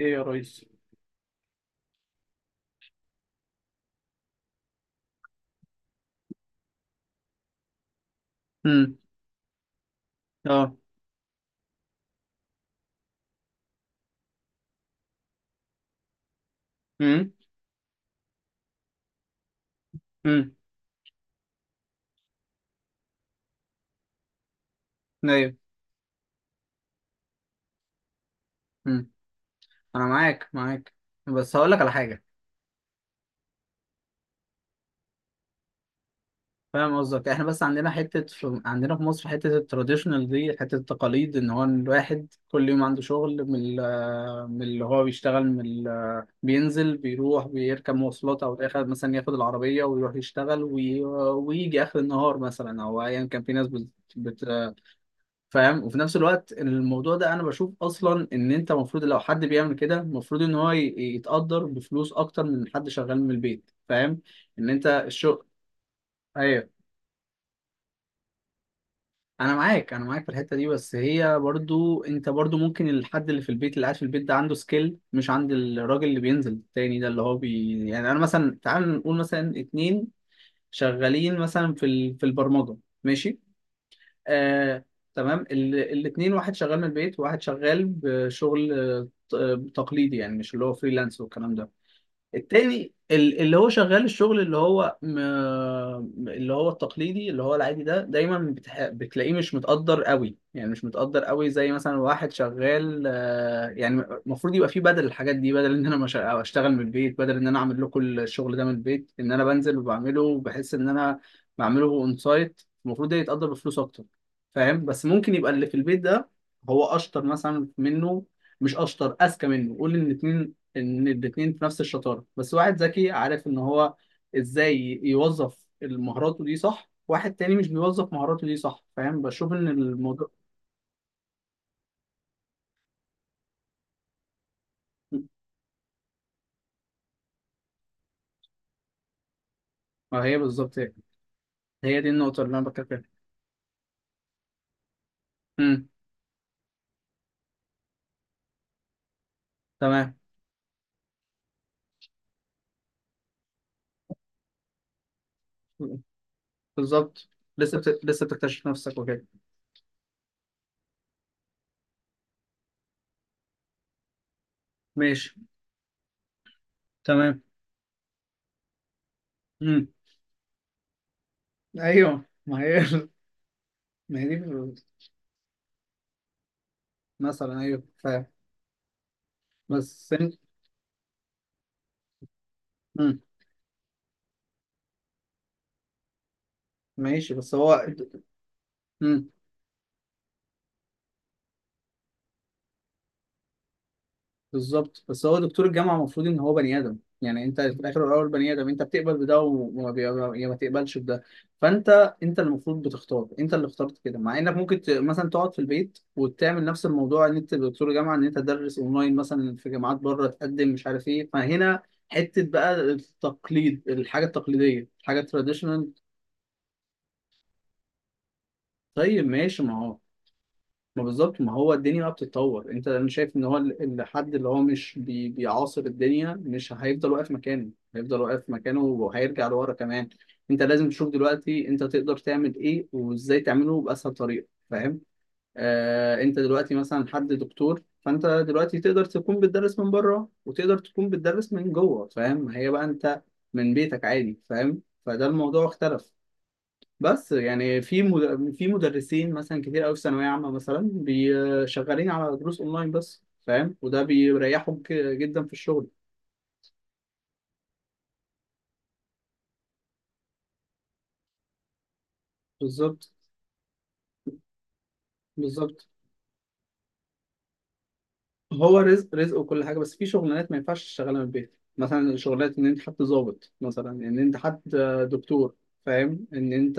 ايه يا ريس؟ امم اه امم امم ايوه. امم انا معاك، بس هقول لك على حاجه. فاهم قصدك؟ احنا بس عندنا حته في... عندنا في مصر حته التراديشنال دي، حته التقاليد، ان هو الواحد كل يوم عنده شغل من ال... من اللي هو بيشتغل من ال... بينزل بيروح بيركب مواصلات او اخر مثلا ياخد العربيه ويروح يشتغل وي... ويجي اخر النهار مثلا او ايا كان، في ناس بت... بت... فاهم؟ وفي نفس الوقت الموضوع ده انا بشوف اصلا ان انت المفروض، لو حد بيعمل كده، المفروض ان هو ي- يتقدر بفلوس اكتر من حد شغال من البيت. فاهم ان انت الشغل؟ ايوه، انا معاك، انا معاك في الحته دي. بس هي برضو انت برضو ممكن الحد اللي في البيت، اللي قاعد في البيت ده، عنده سكيل مش عند الراجل اللي بينزل التاني ده، اللي هو بي يعني انا مثلا، تعال نقول مثلا اتنين شغالين مثلا في ال... في البرمجه. ماشي، آه، تمام. الاثنين، واحد شغال من البيت وواحد شغال بشغل تقليدي، يعني مش اللي هو فريلانس والكلام ده. التاني ال- اللي هو شغال الشغل اللي هو م... اللي هو التقليدي اللي هو العادي ده، دايما بتح... بتلاقيه مش متقدر قوي، يعني مش متقدر قوي زي مثلا واحد شغال يعني. المفروض يبقى فيه بدل الحاجات دي، بدل ان انا مش... أو اشتغل من البيت، بدل ان انا اعمل لكم الشغل ده من البيت ان انا بنزل وبعمله، بحس ان انا بعمله اون سايت المفروض ده يتقدر بفلوس اكتر. فاهم؟ بس ممكن يبقى اللي في البيت ده هو اشطر مثلا منه. مش اشطر، اذكى منه. قول ان الاثنين، ان الاتنين في نفس الشطاره، بس واحد ذكي عارف ان هو ازاي يوظف مهاراته دي، صح؟ واحد تاني مش بيوظف مهاراته دي، صح؟ فاهم؟ بشوف ان الموضوع ما هي بالظبط. هي. هي دي النقطه اللي انا بتكلم فيها. امم تمام، بالظبط. لسه بت... لسه بتكتشف نفسك وكده. ماشي، تمام. امم ايوه، ما هي، ما هي دي مثلا، ايوه، فاهم. بس انت مم. ماشي، بس هو مم. بالظبط. بس هو دكتور الجامعه المفروض ان هو بني ادم، يعني انت في الاخر والاول بني ادم، انت بتقبل بده وما بي... يا ما تقبلش بده. فانت، انت اللي المفروض بتختار، انت اللي اخترت كده، مع انك ممكن ت... مثلا تقعد في البيت وتعمل نفس الموضوع، ان انت دكتور جامعه ان انت تدرس اونلاين مثلا في جامعات بره، تقدم، مش عارف ايه. فهنا حته بقى التقليد، الحاجه التقليديه، الحاجه التراديشنال. طيب ماشي، ما هو، ما بالظبط، ما هو الدنيا بقى بتتطور، انت انا شايف ان هو ال- الحد اللي هو مش بي بيعاصر الدنيا مش هيفضل واقف مكانه، هيفضل واقف مكانه وهيرجع لورا كمان. انت لازم تشوف دلوقتي انت تقدر تعمل ايه وازاي تعمله باسهل طريقه، فاهم؟ آه، انت دلوقتي مثلا حد دكتور، فانت دلوقتي تقدر تكون بتدرس من بره وتقدر تكون بتدرس من جوه، فاهم؟ هي بقى انت من بيتك عادي، فاهم؟ فده الموضوع اختلف. بس يعني في مد... في مدرسين مثلا كتير قوي في ثانويه عامه مثلا بي- شغالين على دروس اونلاين بس، فاهم؟ وده بيريحهم ك- جدا في الشغل. بالظبط، بالظبط. هو رزق رزق وكل حاجه، بس في شغلانات ما ينفعش تشتغلها من البيت، مثلا شغلات ان انت حد ضابط مثلا، ان انت حد دكتور، فاهم، ان انت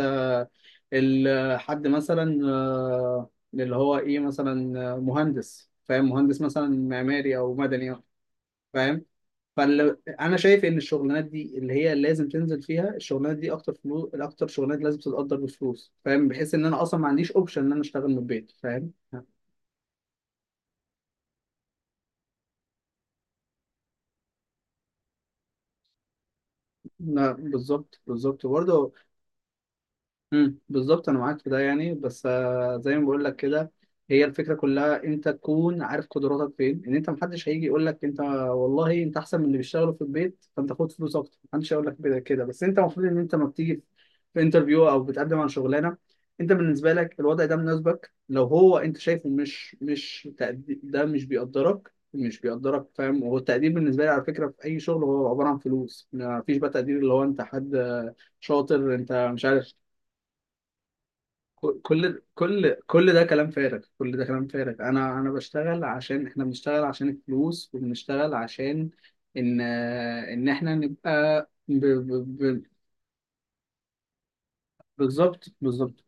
ال- حد مثلا اللي هو ايه مثلا، مهندس، فاهم، مهندس مثلا معماري او مدني، فاهم. فانا شايف ان الشغلانات دي اللي هي لازم تنزل فيها، الشغلانات دي اكتر فلوس، اكتر شغلانات لازم تتقدر بفلوس، فاهم، بحيث ان انا اصلا ما عنديش اوبشن ان انا اشتغل من البيت، فاهم. لا، بالظبط، بالظبط برضه. بالظبط، انا معاك في ده يعني، بس زي ما بقول لك كده، هي الفكره كلها انت تكون عارف قدراتك فين، ان انت محدش هيجي يقول لك انت، والله انت احسن من اللي بيشتغلوا في البيت فانت خد فلوس اكتر، محدش هيقول لك كده كده. بس انت المفروض ان انت ما بتيجي في انترفيو او بتقدم على شغلانه، انت بالنسبه لك الوضع ده مناسبك، لو هو انت شايفه مش مش تقدي- ده مش بيقدرك، مش بيقدرك، فاهم؟ هو التقدير بالنسبه لي على فكره في اي شغل هو عباره عن فلوس، ما فيش بقى تقدير اللي هو انت حد شاطر، انت مش عارف. كل ده كلام فارغ، كل ده كلام فارغ، انا بشتغل عشان احنا بنشتغل عشان الفلوس وبنشتغل عشان ان ان احنا نبقى ب- ب- ب- بالظبط، بالظبط،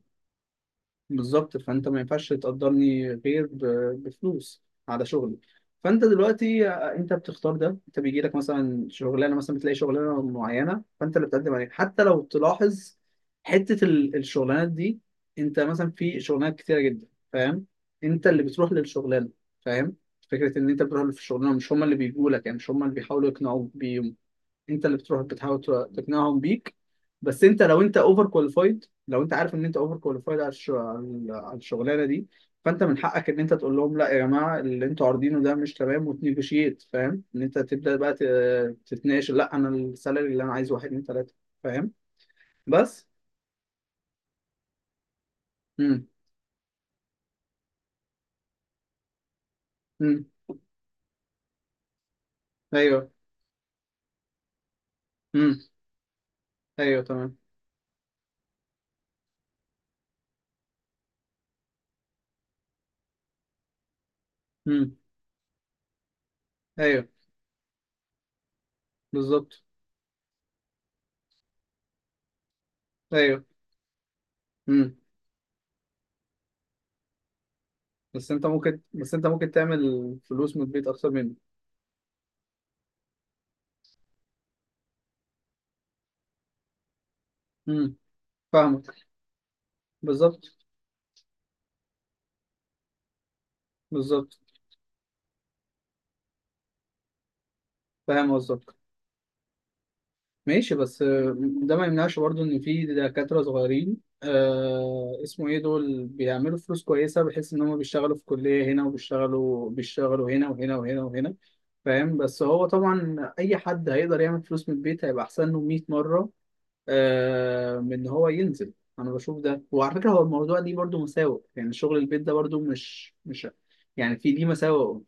بالظبط. فانت ما ينفعش تقدرني غير ب- بفلوس على شغلي. فانت دلوقتي انت بتختار ده، انت بيجي لك مثلا شغلانه، مثلا بتلاقي شغلانه معينه فانت اللي بتقدم عليها، حتى لو تلاحظ حته ال- الشغلانات دي، انت مثلا في شغلانات كتيره جدا، فاهم، انت اللي بتروح للشغلانه، فاهم، فكره ان انت بتروح للشغلانه، مش هم اللي بيجوا لك، يعني مش هم اللي بيحاولوا يقنعوك، انت اللي بتروح بتحاول تقنعهم بيك. بس انت لو انت اوفر كواليفايد، لو انت عارف ان انت اوفر كواليفايد على الش- على الشغلانه دي، فانت من حقك ان انت تقول لهم لا يا جماعه، اللي انتوا عارضينه ده مش تمام، وتنيجوشيت، فاهم، ان انت تبدا بقى ت- تتناقش، لا انا السالري اللي انا عايزه واحد اتنين تلاته، فاهم. بس امم امم ايوه، امم ايوه، تمام، امم ايوه، بالظبط، ايوه. امم بس انت ممكن، بس انت ممكن تعمل فلوس من البيت اكتر مني. امم فاهمك، بالظبط، بالظبط. فاهم قصدك. ماشي، بس ده ما يمنعش برضو ان في دكاترة صغيرين، آه اسمه ايه، دول بيعملوا فلوس كويسة بحيث ان هم بيشتغلوا في كلية هنا وبيشتغلوا بيشتغلوا هنا وهنا وهنا وهنا، فاهم. بس هو طبعا اي حد هيقدر يعمل فلوس من البيت هيبقى احسن له 100 مرة، آه، من ان هو ينزل. انا بشوف ده، وعلى فكرة هو الموضوع دي برضو مساوئ، يعني شغل البيت ده برضو مش مش يعني، في دي مساوئ.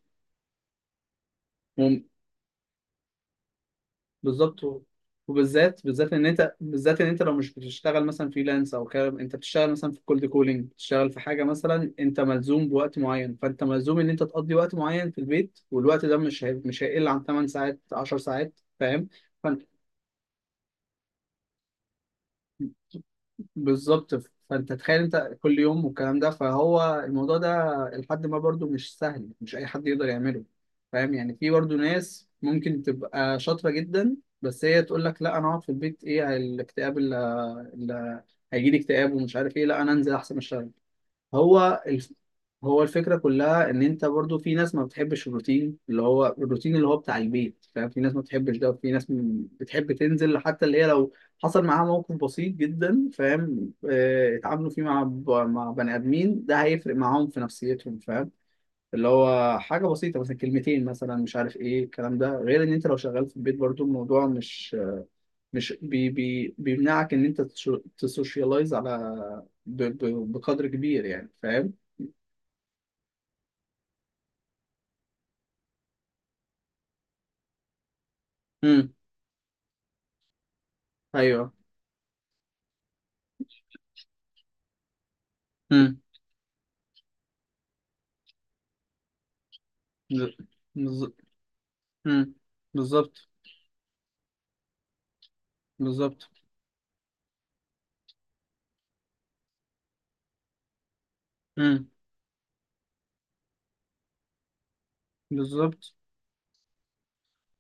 بالظبط، و- وبالذات، بالذات ان انت، بالذات ان انت لو مش بتشتغل مثلا فريلانس او كده، انت بتشتغل مثلا في كولد كولينج، بتشتغل في حاجه مثلا انت ملزوم بوقت معين، فانت ملزوم ان انت تقضي وقت معين في البيت، والوقت ده مش هي... مش هيقل عن 8 ساعات 10 ساعات، فاهم. بالظبط، فانت تخيل انت كل يوم والكلام ده، فهو الموضوع ده لحد ما برضو مش سهل، مش اي حد يقدر يعمله، فاهم يعني. في برضو ناس ممكن تبقى شاطرة جدا، بس هي تقول لك لا انا اقعد في البيت، ايه الاكتئاب اللي، اللي هيجي لي اكتئاب ومش عارف ايه، لا انا انزل احسن اشتغل. هو الف... هو الفكرة كلها ان انت برضو في ناس ما بتحبش الروتين اللي هو الروتين اللي هو بتاع البيت، فاهم، في ناس ما بتحبش ده، وفي ناس م- بتحب تنزل، حتى اللي هي لو حصل معاها موقف بسيط جدا، فاهم، اتعاملوا فيه مع ب... مع بني ادمين، ده هيفرق معاهم في نفسيتهم، فاهم، اللي هو حاجة بسيطة مثلا، كلمتين مثلا مش عارف ايه الكلام ده، غير ان انت لو شغال في البيت برضو الموضوع مش مش بي... بي... بيمنعك ان انت تش- تسوشيالايز على ب... ب... بقدر كبير يعني، فاهم. امم ايوه، امم بالظبط، امم بالظبط، بالظبط، امم بالظبط.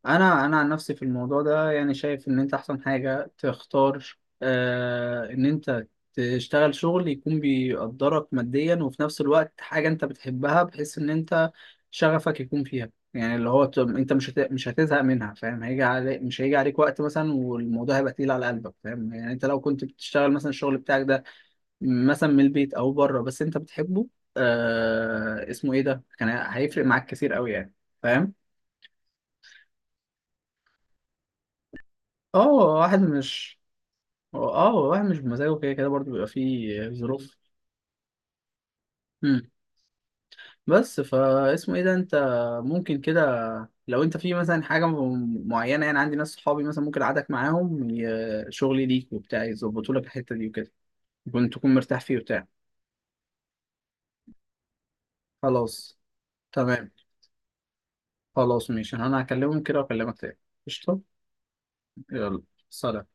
انا عن نفسي في الموضوع ده يعني شايف ان انت احسن حاجه تختار، آه، ان انت تشتغل شغل يكون بيقدرك ماديا، وفي نفس الوقت حاجه انت بتحبها، بحيث ان انت شغفك يكون فيها، يعني اللي هو ت- انت مش هت... مش هتزهق منها، فاهم، هيجي عليك مش هيجي عليك وقت مثلا والموضوع هيبقى تقيل على قلبك، فاهم يعني، انت لو كنت بتشتغل مثلا الشغل بتاعك ده مثلا من البيت او بره بس انت بتحبه، آه اسمه ايه، ده كان هيفرق معاك كتير قوي يعني، فاهم. اه واحد مش، اه واحد مش بمزاجه، كده كده برضه بيبقى فيه ظروف. مم. بس فا اسمه ايه ده، انت ممكن كده، لو انت في مثلا حاجه م- معينه، يعني عندي ناس صحابي مثلا ممكن اقعدك معاهم ي- شغلي ليك وبتاع، يظبطوا لك الحته دي وكده، كنت تكون مرتاح فيه وبتاع. خلاص، تمام. خلاص، ماشي، انا هكلمهم كده واكلمك تاني. قشطه. يلا، سلام.